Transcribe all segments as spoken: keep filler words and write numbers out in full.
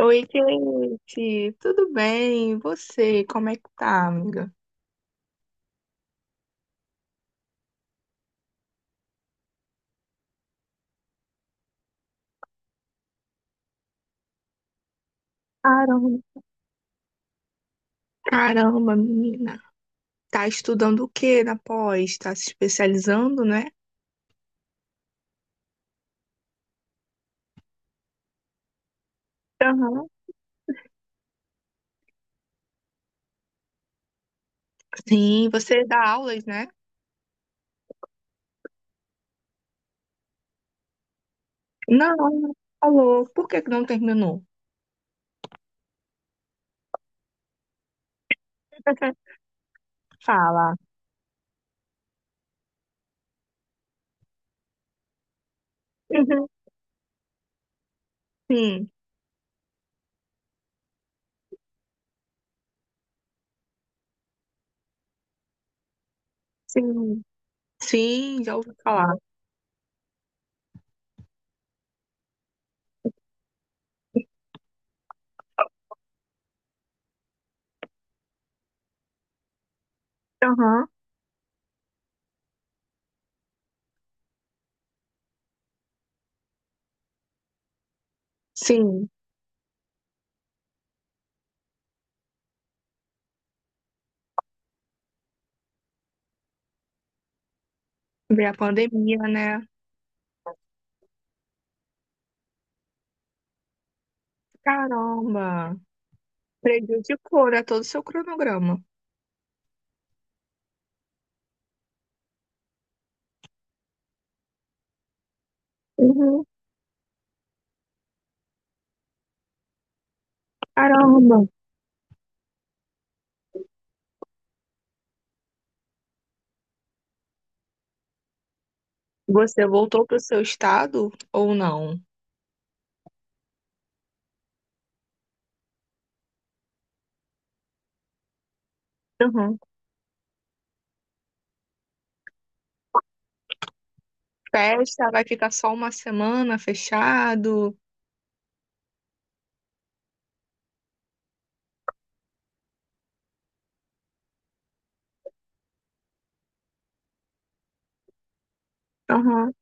Oi, Cleide, tudo bem? E você, como é que tá, amiga? Caramba, caramba, menina. Tá estudando o que na pós? Tá se especializando, né? Aham. Sim, você dá aulas, né? Não, não falou. Por que que não terminou? Fala. Uhum. Sim, sim. Sim, já ouvi falar. Aham. Sim, veio a pandemia, né? Caramba, prejudicou, né, todo o seu cronograma. Uhum. Caramba. Você voltou para o seu estado ou não? Aham. Festa, vai ficar só uma semana fechado? Aham.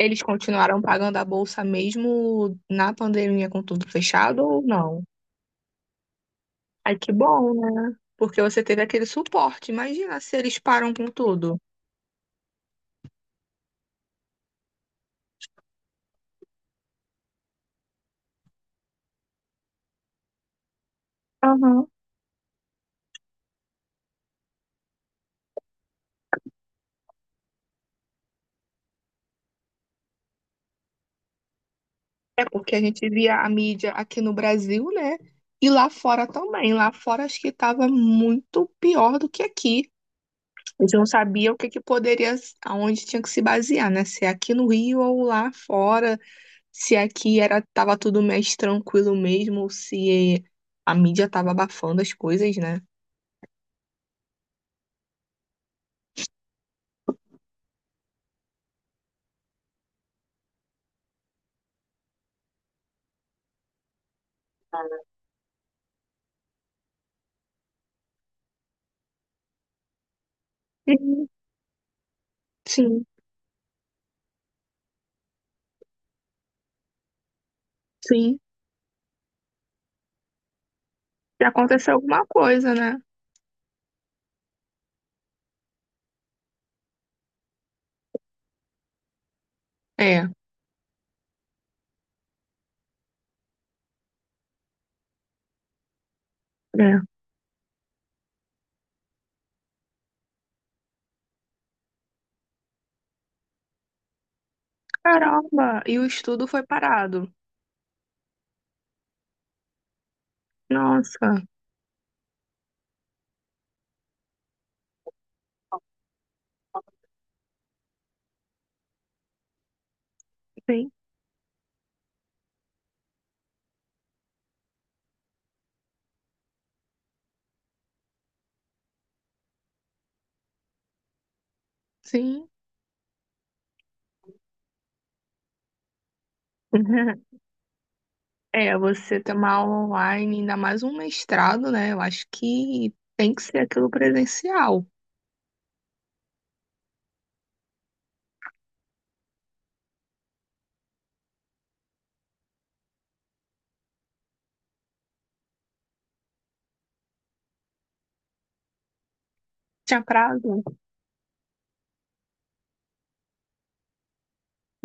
Eles continuaram pagando a bolsa mesmo na pandemia com tudo fechado ou não? Ai, que bom, né? Porque você teve aquele suporte. Imagina se eles param com tudo. Aham. É porque a gente via a mídia aqui no Brasil, né? E lá fora também. Lá fora acho que estava muito pior do que aqui. Eles não sabiam o que que poderia, aonde tinha que se basear, né? Se é aqui no Rio ou lá fora, se aqui era tava tudo mais tranquilo mesmo, ou se a mídia tava abafando as coisas, né? Sim, sim, sim. Se aconteceu alguma coisa, né? É, é. Caramba, e o estudo foi parado. Nossa, sim, sim. É, você ter uma aula online, ainda mais um mestrado, né? Eu acho que tem que ser aquilo presencial. Tinha prazo?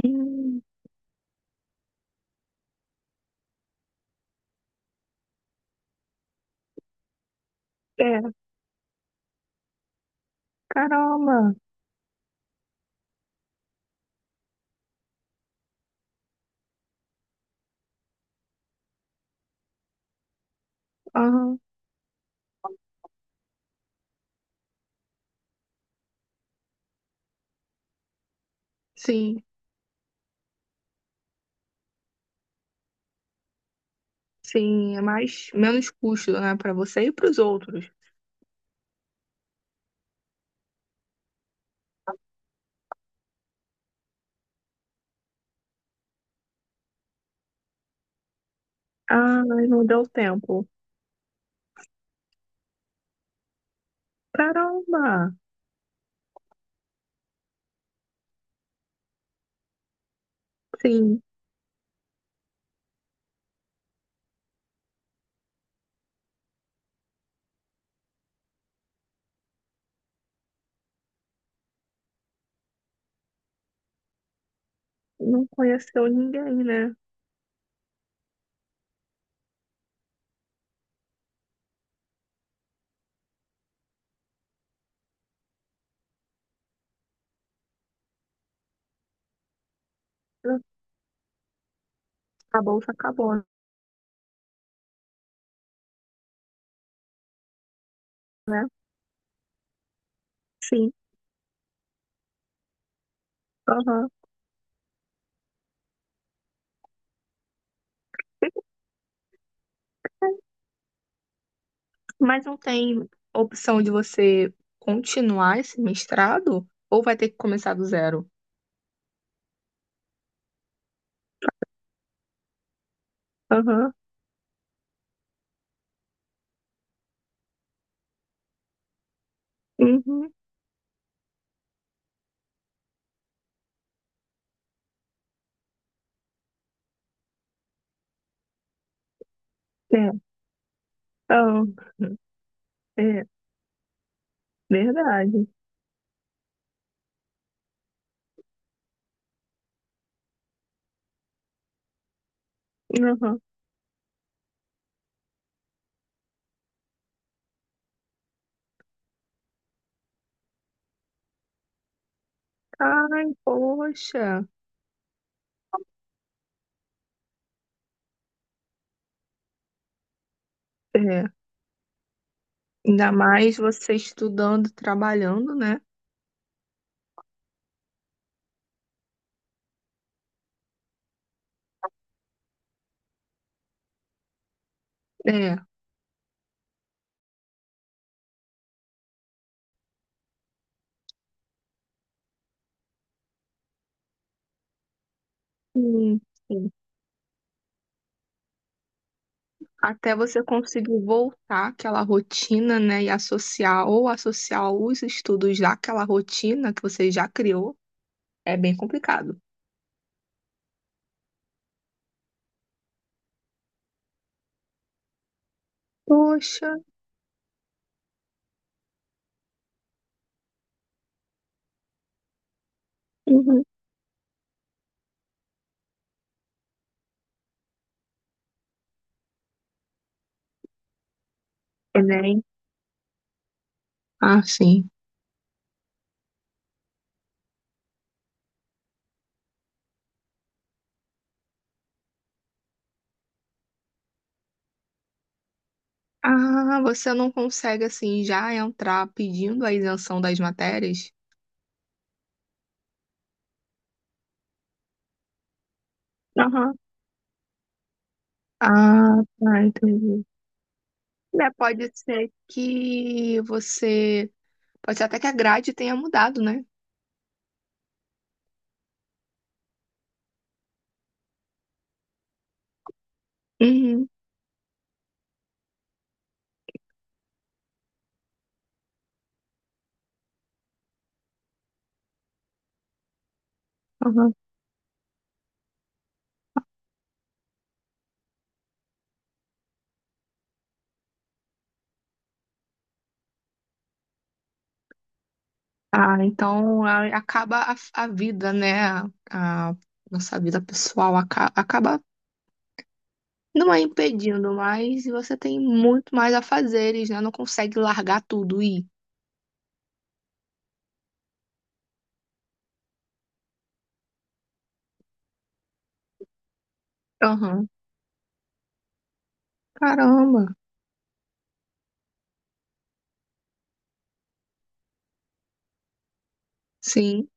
Hum. É, caramba. Aham. Sim, sim, é mais menos custo, né, para você e para os outros. Ah, não deu tempo. Caramba. Sim, não conheceu ninguém, né? A bolsa acabou, né? Sim. Aham. Mas não tem opção de você continuar esse mestrado ou vai ter que começar do zero? Aham. Uhum. É. Ah, é verdade. Aham. Ai, poxa. É. Ainda mais você estudando, trabalhando, né? É. Sim, sim. Até você conseguir voltar àquela rotina, né? E associar ou associar os estudos daquela rotina que você já criou, é bem complicado. Poxa, uhum. Enem. Ah, sim. Ah, você não consegue assim já entrar pedindo a isenção das matérias? Aham. Ah, tá, entendi. Né, Pode ser que você pode ser até que a grade tenha mudado, né? Uhum, uhum. Ah, então a- acaba a, a vida, né? A, a nossa vida pessoal aca- acaba, não é impedindo, mas você tem muito mais a fazeres, né? Não consegue largar tudo e. Aham. Caramba. Sim.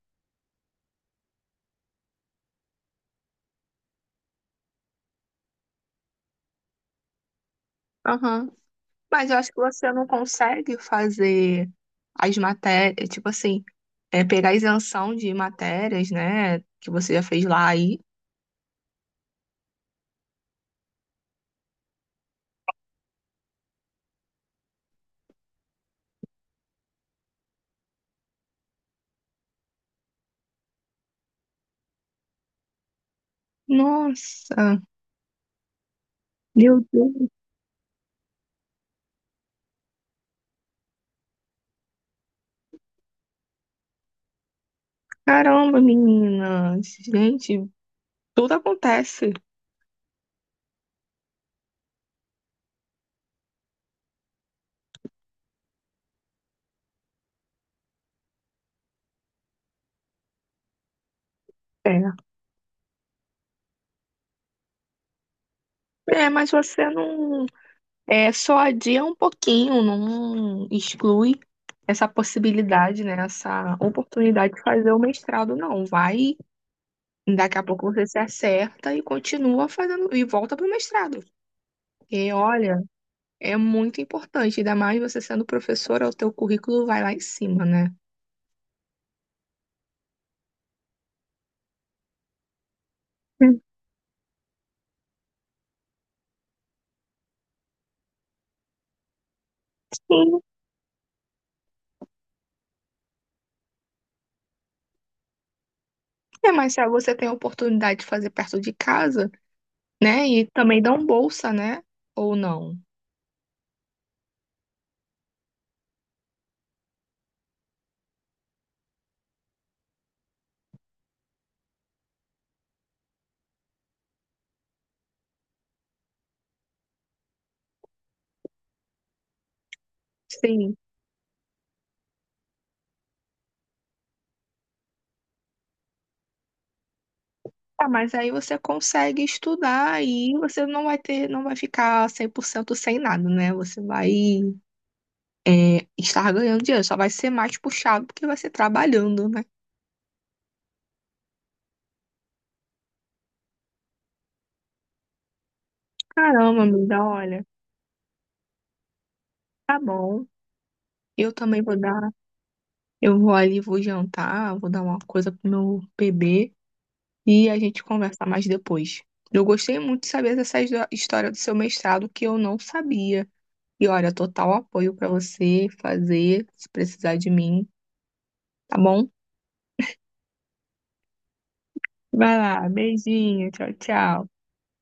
Aham. Mas eu acho que você não consegue fazer as matérias, tipo assim, é, pegar a isenção de matérias, né? Que você já fez lá aí. Nossa, meu Deus. Caramba, menina. Gente, tudo acontece. É. É, mas você não. É, só adia um pouquinho, não exclui essa possibilidade, né? Essa oportunidade de fazer o mestrado, não. Vai, daqui a pouco você se acerta e continua fazendo, e volta pro mestrado. E olha, é muito importante, ainda mais você sendo professora, o teu currículo vai lá em cima, né? Hum. Sim. É, mas se você tem a oportunidade de fazer perto de casa. Né? E também dão bolsa, né? Ou não? Sim. Ah, mas aí você consegue estudar e você não vai ter, não vai ficar cem por cento sem nada, né? Você vai é, estar ganhando dinheiro, só vai ser mais puxado porque vai ser trabalhando, né? Caramba, amiga, olha, tá bom. Eu também vou dar, eu vou ali, vou jantar, vou dar uma coisa pro meu bebê e a gente conversa mais depois. Eu gostei muito de saber dessa história do seu mestrado que eu não sabia. E olha, total apoio pra você fazer, se precisar de mim, tá bom? Vai lá, beijinho, tchau, tchau.